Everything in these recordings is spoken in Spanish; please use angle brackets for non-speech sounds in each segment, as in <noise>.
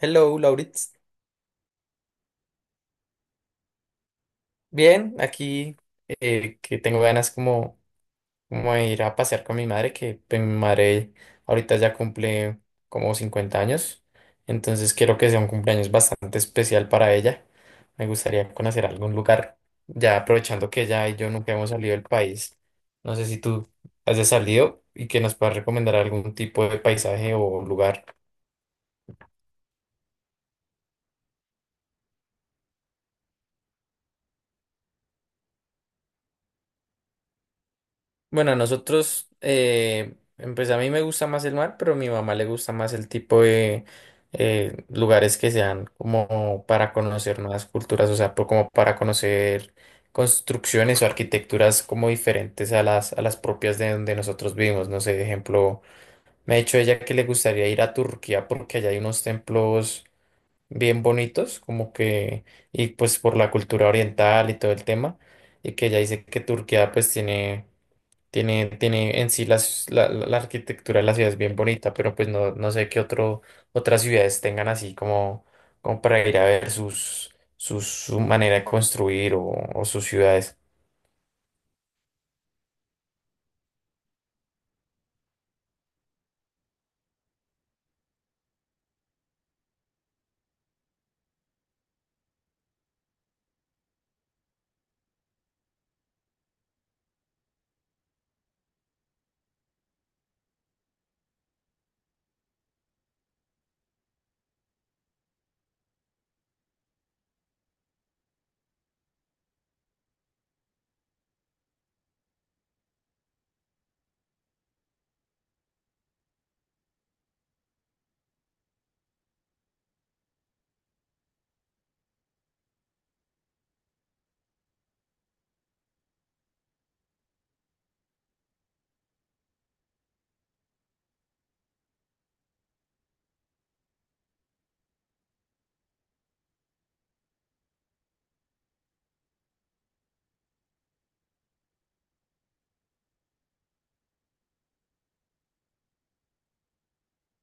Hello, Lauritz. Bien, aquí que tengo ganas como, como de ir a pasear con mi madre, que pues, mi madre ahorita ya cumple como 50 años, entonces quiero que sea un cumpleaños bastante especial para ella. Me gustaría conocer algún lugar, ya aprovechando que ella y yo nunca hemos salido del país. No sé si tú has salido y que nos puedas recomendar algún tipo de paisaje o lugar. Bueno, a nosotros, pues a mí me gusta más el mar, pero a mi mamá le gusta más el tipo de lugares que sean como para conocer nuevas culturas, o sea, como para conocer construcciones o arquitecturas como diferentes a las propias de donde nosotros vivimos. No sé, de ejemplo, me ha dicho ella que le gustaría ir a Turquía porque allá hay unos templos bien bonitos, como que, y pues por la cultura oriental y todo el tema, y que ella dice que Turquía pues tiene en sí la arquitectura de la ciudad es bien bonita, pero pues no, no sé qué otro, otras ciudades tengan así como, como para ir a ver su manera de construir o sus ciudades.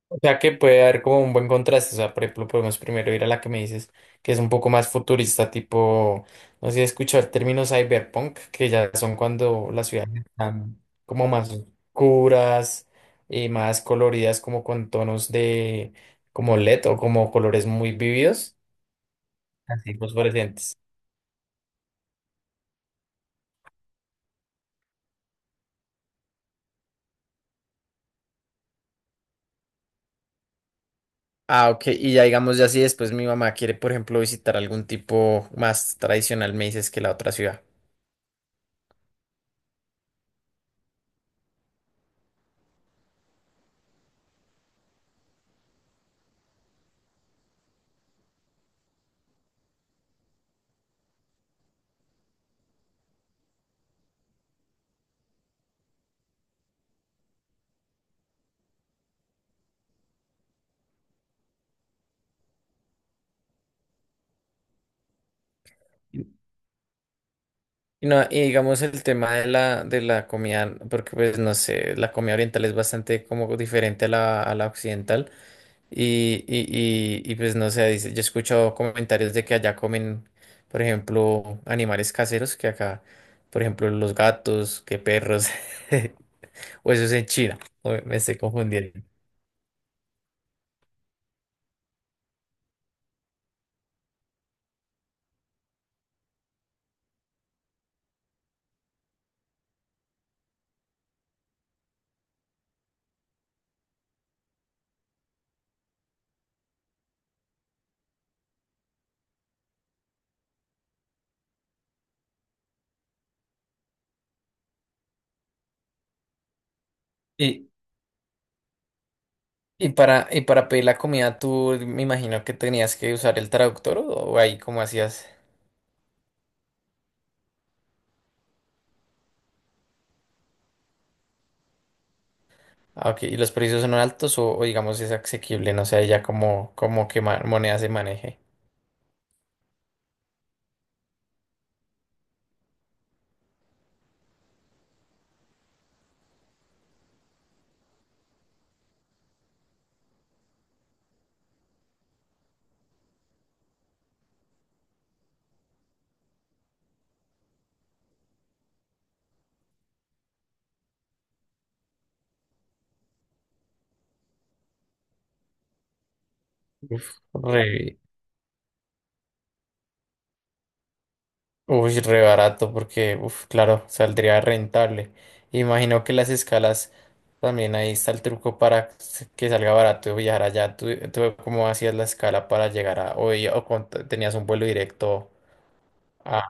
O sea que puede haber como un buen contraste. O sea, por ejemplo, podemos primero ir a la que me dices que es un poco más futurista, tipo, no sé si he escuchado el término cyberpunk, que ya son cuando las ciudades están como más oscuras y más coloridas, como con tonos de como LED o como colores muy vividos, así fosforescentes. Ah, ok. Y ya digamos, ya si después mi mamá quiere, por ejemplo, visitar algún tipo más tradicional, me dices que la otra ciudad. Y no, y digamos el tema de la comida, porque pues no sé, la comida oriental es bastante como diferente a la occidental y, y, pues no sé, dice, yo he escuchado comentarios de que allá comen, por ejemplo, animales caseros que acá, por ejemplo, los gatos, que perros, <laughs> o eso es en China, o me estoy confundiendo. Y, y para pedir la comida tú me imagino que tenías que usar el traductor o ahí cómo hacías. Ah, ok. ¿Y los precios son altos o digamos es asequible? No sé, ya como, como que moneda se maneje. Uf, re, uy, re barato porque, uf, claro, saldría rentable. Imagino que las escalas también ahí está el truco para que salga barato viajar allá. ¿Tú cómo hacías la escala para llegar a hoy o tenías un vuelo directo a...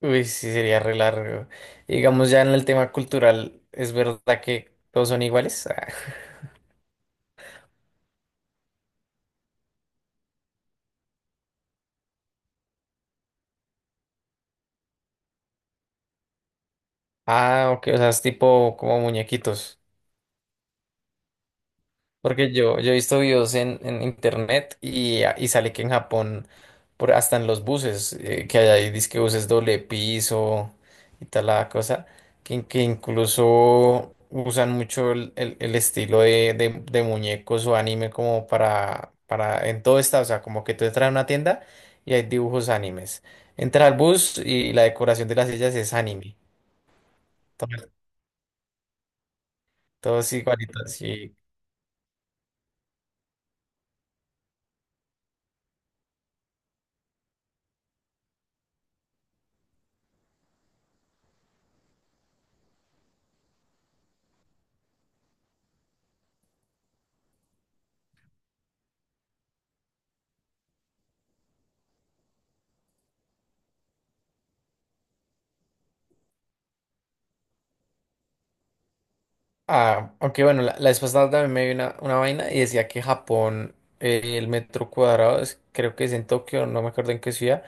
Uy, sí, sería re largo. Digamos ya en el tema cultural, ¿es verdad que todos son iguales? <laughs> Ah, ok, o sea, es tipo como muñequitos. Porque yo he visto videos en internet y, ah, y sale que en Japón, por, hasta en los buses, que hay ahí, dizque buses doble piso y tal la cosa, que incluso usan mucho el estilo de, de muñecos o anime como para, en todo está, o sea, como que tú entras a una tienda y hay dibujos animes. Entra al bus y la decoración de las sillas es anime. Todo- Todos igualitos. Ah, aunque bueno, la vez pasada también me vi una vaina y decía que Japón, el metro cuadrado, creo que es en Tokio, no me acuerdo en qué ciudad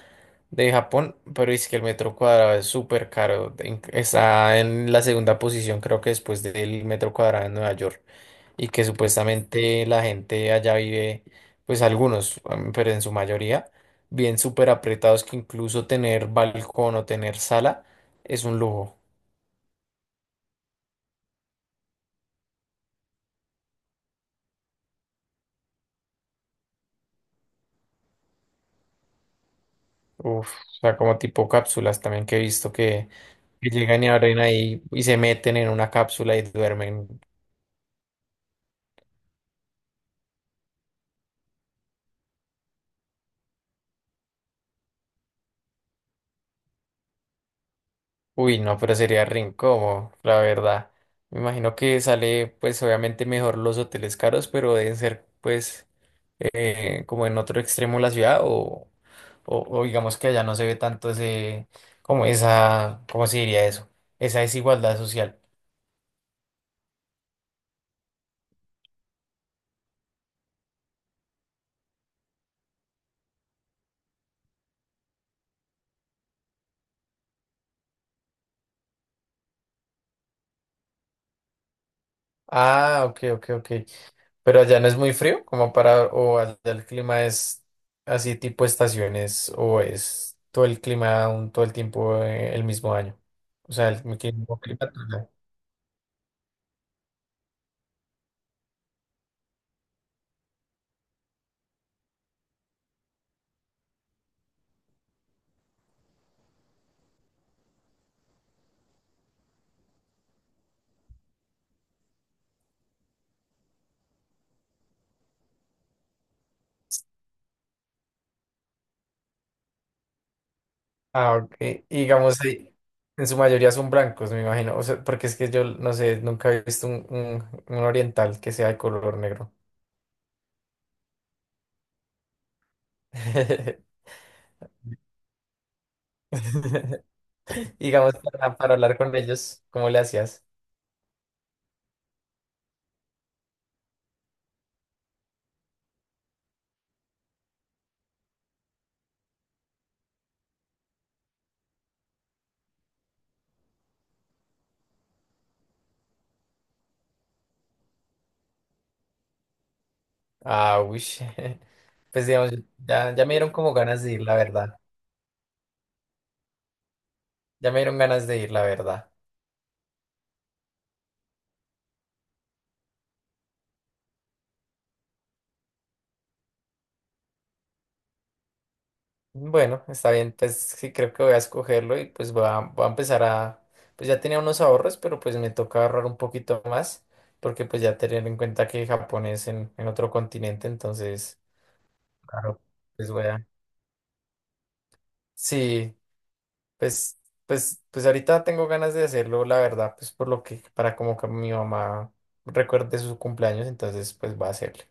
de Japón, pero es que el metro cuadrado es súper caro, está en la segunda posición creo que después del metro cuadrado en Nueva York y que supuestamente la gente allá vive, pues algunos, pero en su mayoría, bien súper apretados que incluso tener balcón o tener sala es un lujo. Uf, o sea, como tipo cápsulas también que he visto que llegan y abren ahí y se meten en una cápsula y duermen. Uy, no, pero sería re incómodo, la verdad. Me imagino que sale, pues obviamente mejor los hoteles caros, pero deben ser, pues, como en otro extremo de la ciudad o, o digamos que allá no se ve tanto ese, como esa, ¿cómo se diría eso? Esa desigualdad social. Ah, ok, ok, ok. Pero allá no es muy frío, como para, o allá el clima es así tipo estaciones, o es todo el clima todo el tiempo el mismo año. O sea, el mismo clima todo el año. Ah, ok. Y digamos, ahí, en su mayoría son blancos, me imagino. O sea, porque es que yo no sé, nunca he visto un, un oriental que sea de color negro. <laughs> Digamos, para hablar con ellos, ¿cómo le hacías? Ah, uy. <laughs> Pues digamos, ya me dieron como ganas de ir, la verdad. Ya me dieron ganas de ir, la verdad. Bueno, está bien, pues sí creo que voy a escogerlo y pues voy a empezar a... Pues ya tenía unos ahorros, pero pues me toca ahorrar un poquito más, porque pues ya tener en cuenta que Japón es en otro continente, entonces, claro, pues voy a... Sí, pues, pues ahorita tengo ganas de hacerlo, la verdad, pues por lo que, para como que mi mamá recuerde su cumpleaños, entonces pues va a hacerle.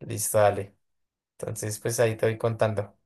Listo, dale. Entonces, pues ahí te voy contando.